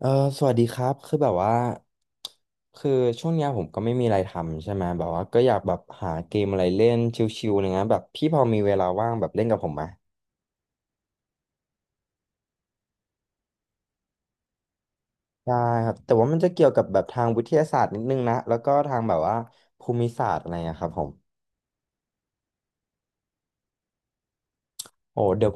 เออสวัสดีครับคือแบบว่าคือช่วงเนี้ยผมก็ไม่มีอะไรทำใช่ไหมแบบว่าก็อยากแบบหาเกมอะไรเล่นชิลๆอะไรเงี้ยแบบพี่พอมีเวลาว่างแบบเล่นกับผมไหมได้ครับแต่ว่ามันจะเกี่ยวกับแบบทางวิทยาศาสตร์นิดนึงนะแล้วก็ทางแบบว่าภูมิศาสตร์อะไรอะครับผมโอ้เดี๋ยว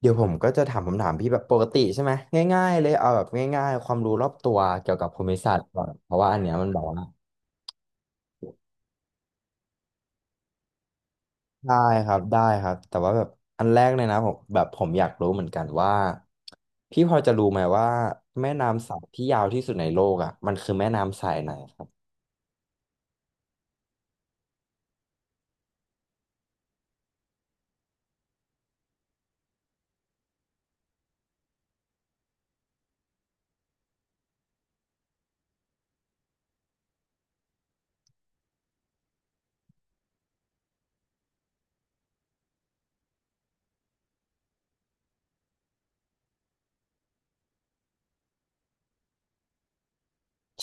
เดี๋ยวผมก็จะถามคำถามพี่แบบปกติใช่ไหมง่ายๆเลยเอาแบบง่ายๆความรู้รอบตัวเกี่ยวกับภูมิศาสตร์ก่อนเพราะว่าอันเนี้ยมันแบบว่า ได้ครับแต่ว่าแบบอันแรกเลยนะผมแบบผมอยากรู้เหมือนกันว่าพี่พอจะรู้ไหมว่าแม่น้ำสายที่ยาวที่สุดในโลกอ่ะมันคือแม่น้ำสายไหนครับ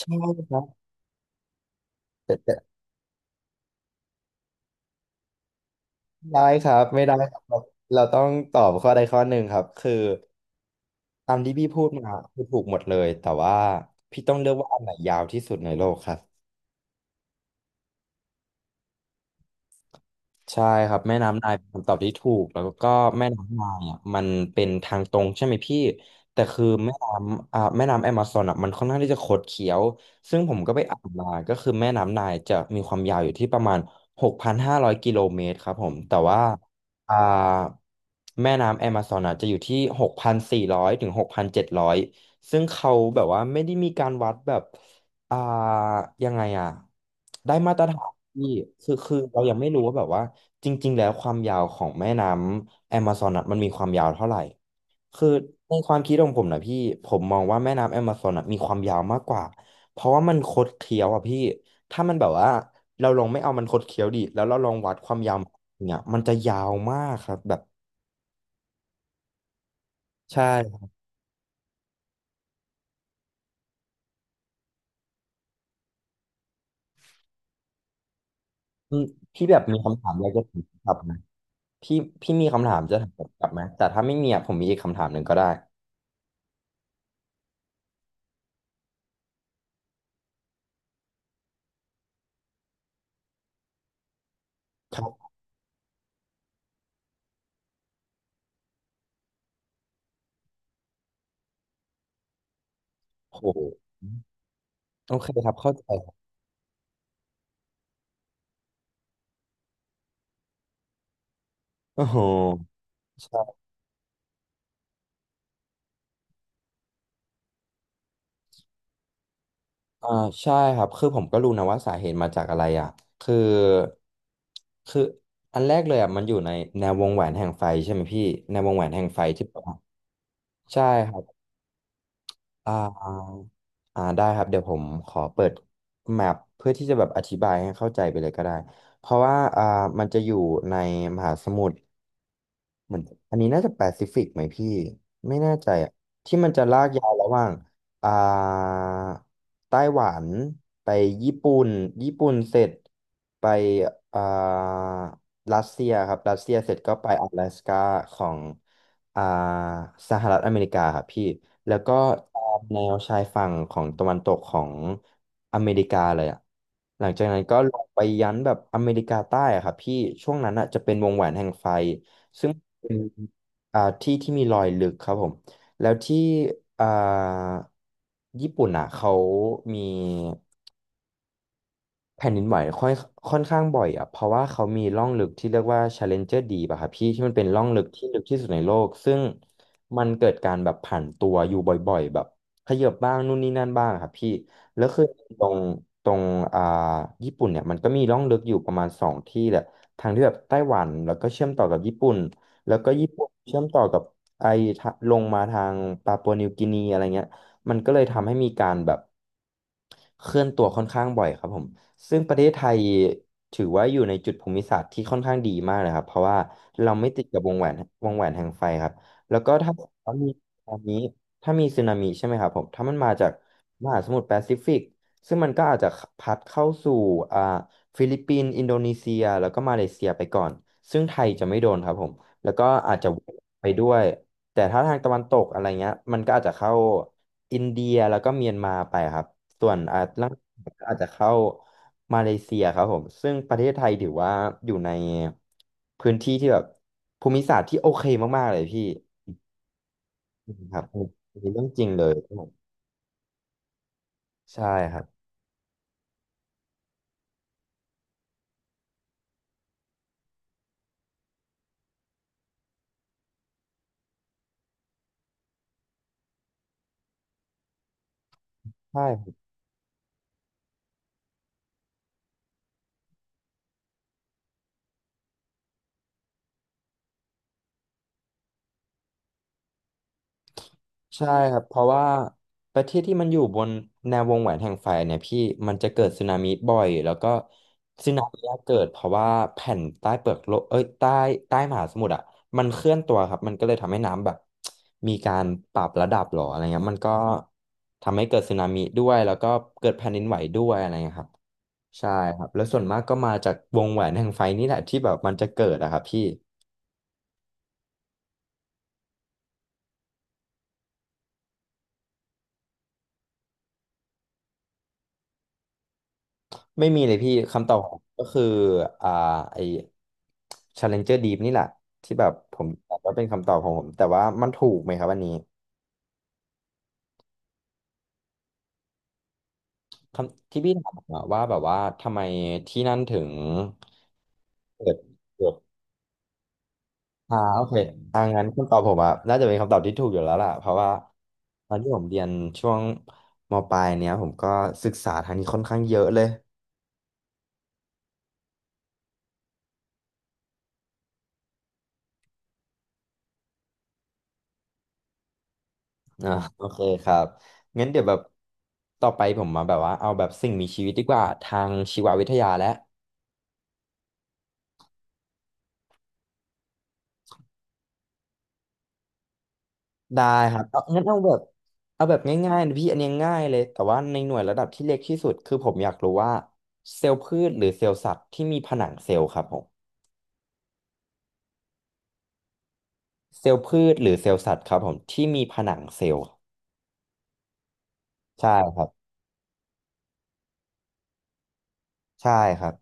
ใช่ครับแต่ได้ครับไม่ได้ครับเราต้องตอบข้อใดข้อหนึ่งครับคือตามที่พี่พูดมาคือถูกหมดเลยแต่ว่าพี่ต้องเลือกว่าอันไหนยาวที่สุดในโลกครับ ใช่ครับแม่น้ำนายเป็นคำตอบที่ถูกแล้วก็แม่น้ำนายอ่ะมันเป็นทางตรงใช่ไหมพี่แต่คือแม่น้ำแม่น้ำแอมะซอนอ่ะมันค่อนข้างที่จะคดเคี้ยวซึ่งผมก็ไปอ่านมาก็คือแม่น้ำนายจะมีความยาวอยู่ที่ประมาณ6,500 กิโลเมตรครับผมแต่ว่าอ่าแม่น้ำแอมะซอนอ่ะจะอยู่ที่6,400ถึง6,700ซึ่งเขาแบบว่าไม่ได้มีการวัดแบบ อ่ายังไงอ่ะได้มาตรฐานที่คือเรายังไม่รู้ว่าแบบว่าจริงๆแล้วความยาวของแม่น้ำแอมะซอนอะมันมีความยาวเท่าไหร่คือในความคิดของผมนะพี่ผมมองว่าแม่น้ำแอมะซอนอะมีความยาวมากกว่าเพราะว่ามันคดเคี้ยวอ่ะพี่ถ้ามันแบบว่าเราลองไม่เอามันคดเคี้ยวดิแล้วเราลองวัดความยาวเนี่ยมันจะยาวมากครับแบบใช่อืมพี่แบบมีคำถามอะไรจะถามกลับไหมพี่พี่มีคำถามจะถามกลับไหมแต่ถ้าไม่มีอะผมมีอีกคำถามหนึ่งก็ได้ ครับโอ้โหโอเคครับเข้าใจครับโอ้โหใช่อ่าใช่ครับคือผมก็รู้นะว่าสาเหตุมาจากอะไรอ่ะคือคืออันแรกเลยอ่ะมันอยู่ในแนววงแหวนแห่งไฟใช่ไหมพี่แนววงแหวนแห่งไฟที่แบบว่าใช่ครับอ่าอ่าได้ครับเดี๋ยวผมขอเปิดแมปเพื่อที่จะแบบอธิบายให้เข้าใจไปเลยก็ได้เพราะว่ามันจะอยู่ในมหาสมุทร เหมือนอันนี้น่าจะแปซิฟิกไหมพี่ไม่แน่ใจอะที่มันจะลากยาวระหว่างอ่าไต้หวันไปญี่ปุ่นญี่ปุ่นเสร็จไปอ่ารัสเซียครับรัสเซียเสร็จก็ไป阿拉斯ก้าของอ่าสหรัฐอเมริกาครับพี่แล้วก็ตามแนวชายฝั่งของตะวันตกของอเมริกาเลยอะหลังจากนั้นก็ลงไปยันแบบอเมริกาใต้อะครับพี่ช่วงนั้นอะจะเป็นวงแหวนแห่งไฟ เป็นที่ที่มีรอยลึกครับผมแล้วที่อ่าญี่ปุ่นอ่ะเขามี แผ่นดินไหวค่อยค่อนข้างบ่อยอ่ะเพราะว่าเขามีร่องลึกที่เรียกว่า Challenger Deep อะครับพี่ที่มันเป็นร่องลึกที่ลึกที่สุดในโลกซึ่งมันเกิดการแบบผันตัวอยู่บ่อยๆแบบขยับบ้างนู่นนี่นั่นบ้างอะครับพี่แล้วคือตรงตรงอ่าญี่ปุ่นเนี่ยมันก็มีร่องลึกอยู่ประมาณสองที่แหละทางที่แบบไต้หวันแล้วก็เชื่อมต่อกับญี่ปุ่นแล้วก็ญี่ปุ่นเชื่อมต่อกับไอทะลงมาทางปาปัวนิวกินีอะไรเงี้ย มันก็เลยทำให้มีการแบบเคลื่อนตัวค่อนข้างบ่อยครับผมซึ่งประเทศไทยถือว่าอยู่ในจุดภูมิศาสตร์ที่ค่อนข้างดีมากเลยครับเพราะว่าเราไม่ติดกับวงแหวนแห่งไฟครับแล้วก็ถ้ามีตอนนี้ถ้ามีสึนามิใช่ไหมครับผมถ้ามันมาจากมหาสมุทรแปซิฟิกซึ่งมันก็อาจจะพัดเข้าสู่อ่าฟิลิปปินส์อินโดนีเซียแล้วก็มาเลเซียไปก่อนซึ่งไทยจะไม่โดนครับผมแล้วก็อาจจะไปด้วย แต่ถ้าทางตะวันตกอะไรเงี้ยมันก็อาจจะเข้าอินเดียแล้วก็เมียนมาไปครับส่วนอาจล่างก็อาจจะเข้ามาเลเซียครับผมซึ่งประเทศไทยถือว่าอยู่ในพื้นที่ที่แบบภูมิศาสตร์ที่โอเคมากๆเลยพี่ครับอันนี้เรื่องจริงเลยครับผมใช่ครับใช่ ใช่ครับเพราะว่าประเทศที่มันอยู่บนแนววงแหวนแห่งไฟเนี่ยพี่มันจะเกิดสึนามิบ่อยแล้วก็สึนามิอะเกิดเพราะว่าแผ่นใต้เปลือกโลกเอ้ยใต้ใต้มหาสมุทรอ่ะมันเคลื่อนตัวครับมันก็เลยทำให้น้ำแบบ มีการปรับระดับหรออะไรเงี้ยมันก็ทำให้เกิดสึนามิด้วยแล้วก็เกิดแผ่นดินไหวด้วยอะไรเงี้ยครับใช่ครับแล้วส่วนมากก็มาจากวงแหวนแห่งไฟนี่แหละที่แบบมันจะเกิดอะครับพี่ ไม่มีเลยพี่คำตอบของผมก็คืออ่าไอ Challenger Deep นี่แหละที่แบบผมบอกว่าเป็นคำตอบของผมแต่ว่ามันถูกไหมครับอันนี้คำที่พี่ถามอะว่าแบบว่าทำไมที่นั่นถึงเปิดเปิดอ่าโอเคงั้นคำตอบผมอะน่าจะเป็นคำตอบที่ถูกอยู่แล้วล่ะเพราะว่าตอนที่ผมเรียนช่วงมปลายเนี้ยผมก็ศึกษาทางนี้ค่อนข้างเยอะเลย อ่า โอเคครับงั้นเดี๋ยวแบบต่อไปผมมาแบบว่าเอาแบบสิ่งมีชีวิตดีกว่าทางชีววิทยาและได้ครับเอางั้นเอาแบบเอาแบบง่ายๆนะพี่อันนี้ง่ายเลยแต่ว่าในหน่วยระดับที่เล็กที่สุดคือผมอยากรู้ว่าเซลล์พืชหรือเซลล์สัตว์ที่มีผนังเซลล์ครับผมเซลล์พืชหรือเซลล์สัตว์ครับผมที่มีผนังเซลล์ใช่ครับใช่ครับ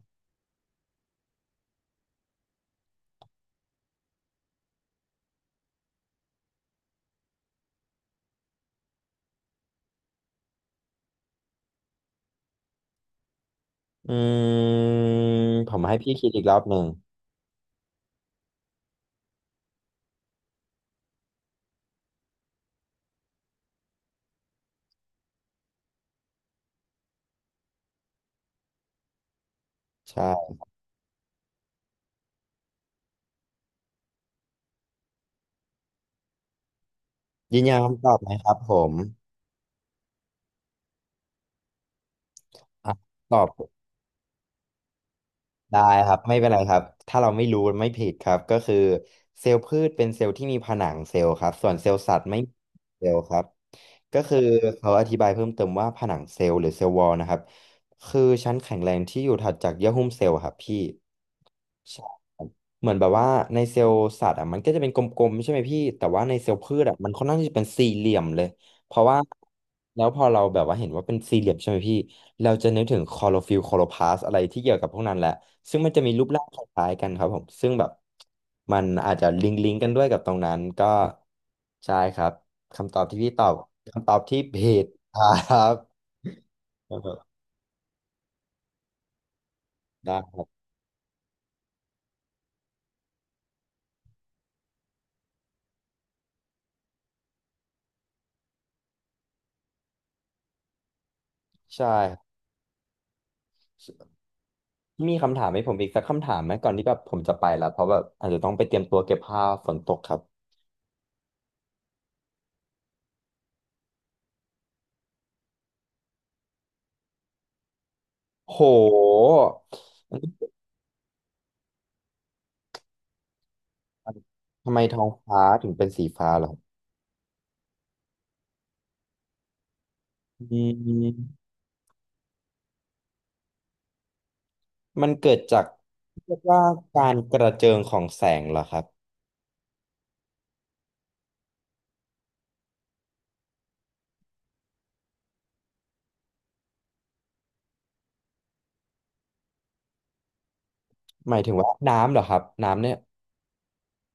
อืมผมให้พี่คิดอีกรอบหนึ่งใช่ยืนยันคำตอบไหมครับผมอ่ะตอบ ได้ครับไม่เป็นไรครับถ้าเราไม่รู้ไม่ผิดครับก็คือเซลล์พืชเป็นเซลล์ที่มีผนังเซลล์ครับส่วนเซลล์สัตว์ไม่มีเซลล์ครับก็คือเขาอธิบายเพิ่มเติมว่าผนังเซลล์หรือเซลล์วอลนะครับคือชั้นแข็งแรงที่อยู่ถัดจากเยื่อหุ้มเซลล์ครับพี่ใช่ครับเหมือนแบบว่าในเซลล์สัตว์อ่ะมันก็จะเป็นกลมๆใช่ไหมพี่แต่ว่าในเซลล์พืชอ่ะมันค่อนข้างที่จะเป็นสี่เหลี่ยมเลย เพราะว่าแล้วพอเราแบบว่าเห็นว่าเป็นสี่เหลี่ยมใช่ไหมพี่เราจะนึกถึงคลอโรฟิลล์คลอโรพลาสต์อะไรที่เกี่ยวกับพวกนั้นแหละซึ่งมันจะมีรูปร่างคล้ายๆกันครับผมซึ่งแบบมันอาจจะลิงก์กันด้วยกับตรงนั้นก็ใช่ครับคำตอบที่พี่ตอบคำตอบที่ผิดครับ ได้ครับใช่ครับมีคำถามให้ผมอีกสักคำถามไหมก่อนที่แบบผมจะไปละเพราะแบบอาจจะต้องไปเตรียมตัวเก็บผ้าฝนตกครับโห ทำไมท้องฟ้าถึงเป็นสีฟ้าเหรออืมมันเกิดจากเรียกว่าการกระเจิงของแสงเหรอครับหมายถึงว่าน้ำเหรอครับน้ำเนี่ย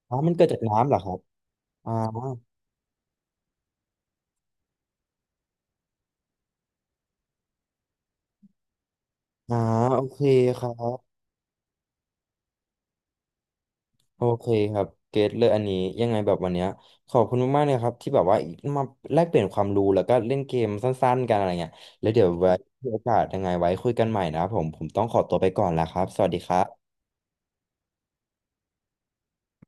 อ๋อมันเกิดจากน้ำเหรอครับอ่าอ่าโอเคครับโอเคครับเก็ตเลยอันนี้ยังไงแบบวันเนี้ยขอบคุณมากๆเลยครับที่แบบว่ามาแลกเปลี่ยนความรู้แล้วก็เล่นเกมสั้นๆกันอะไรเงี้ยแล้วเดี๋ยวไว้มีโอกาสยังไงไว้คุยกันใหม่นะครับผมผมต้องขอตัวไปก่อนแล้วครับสวัสดีครับ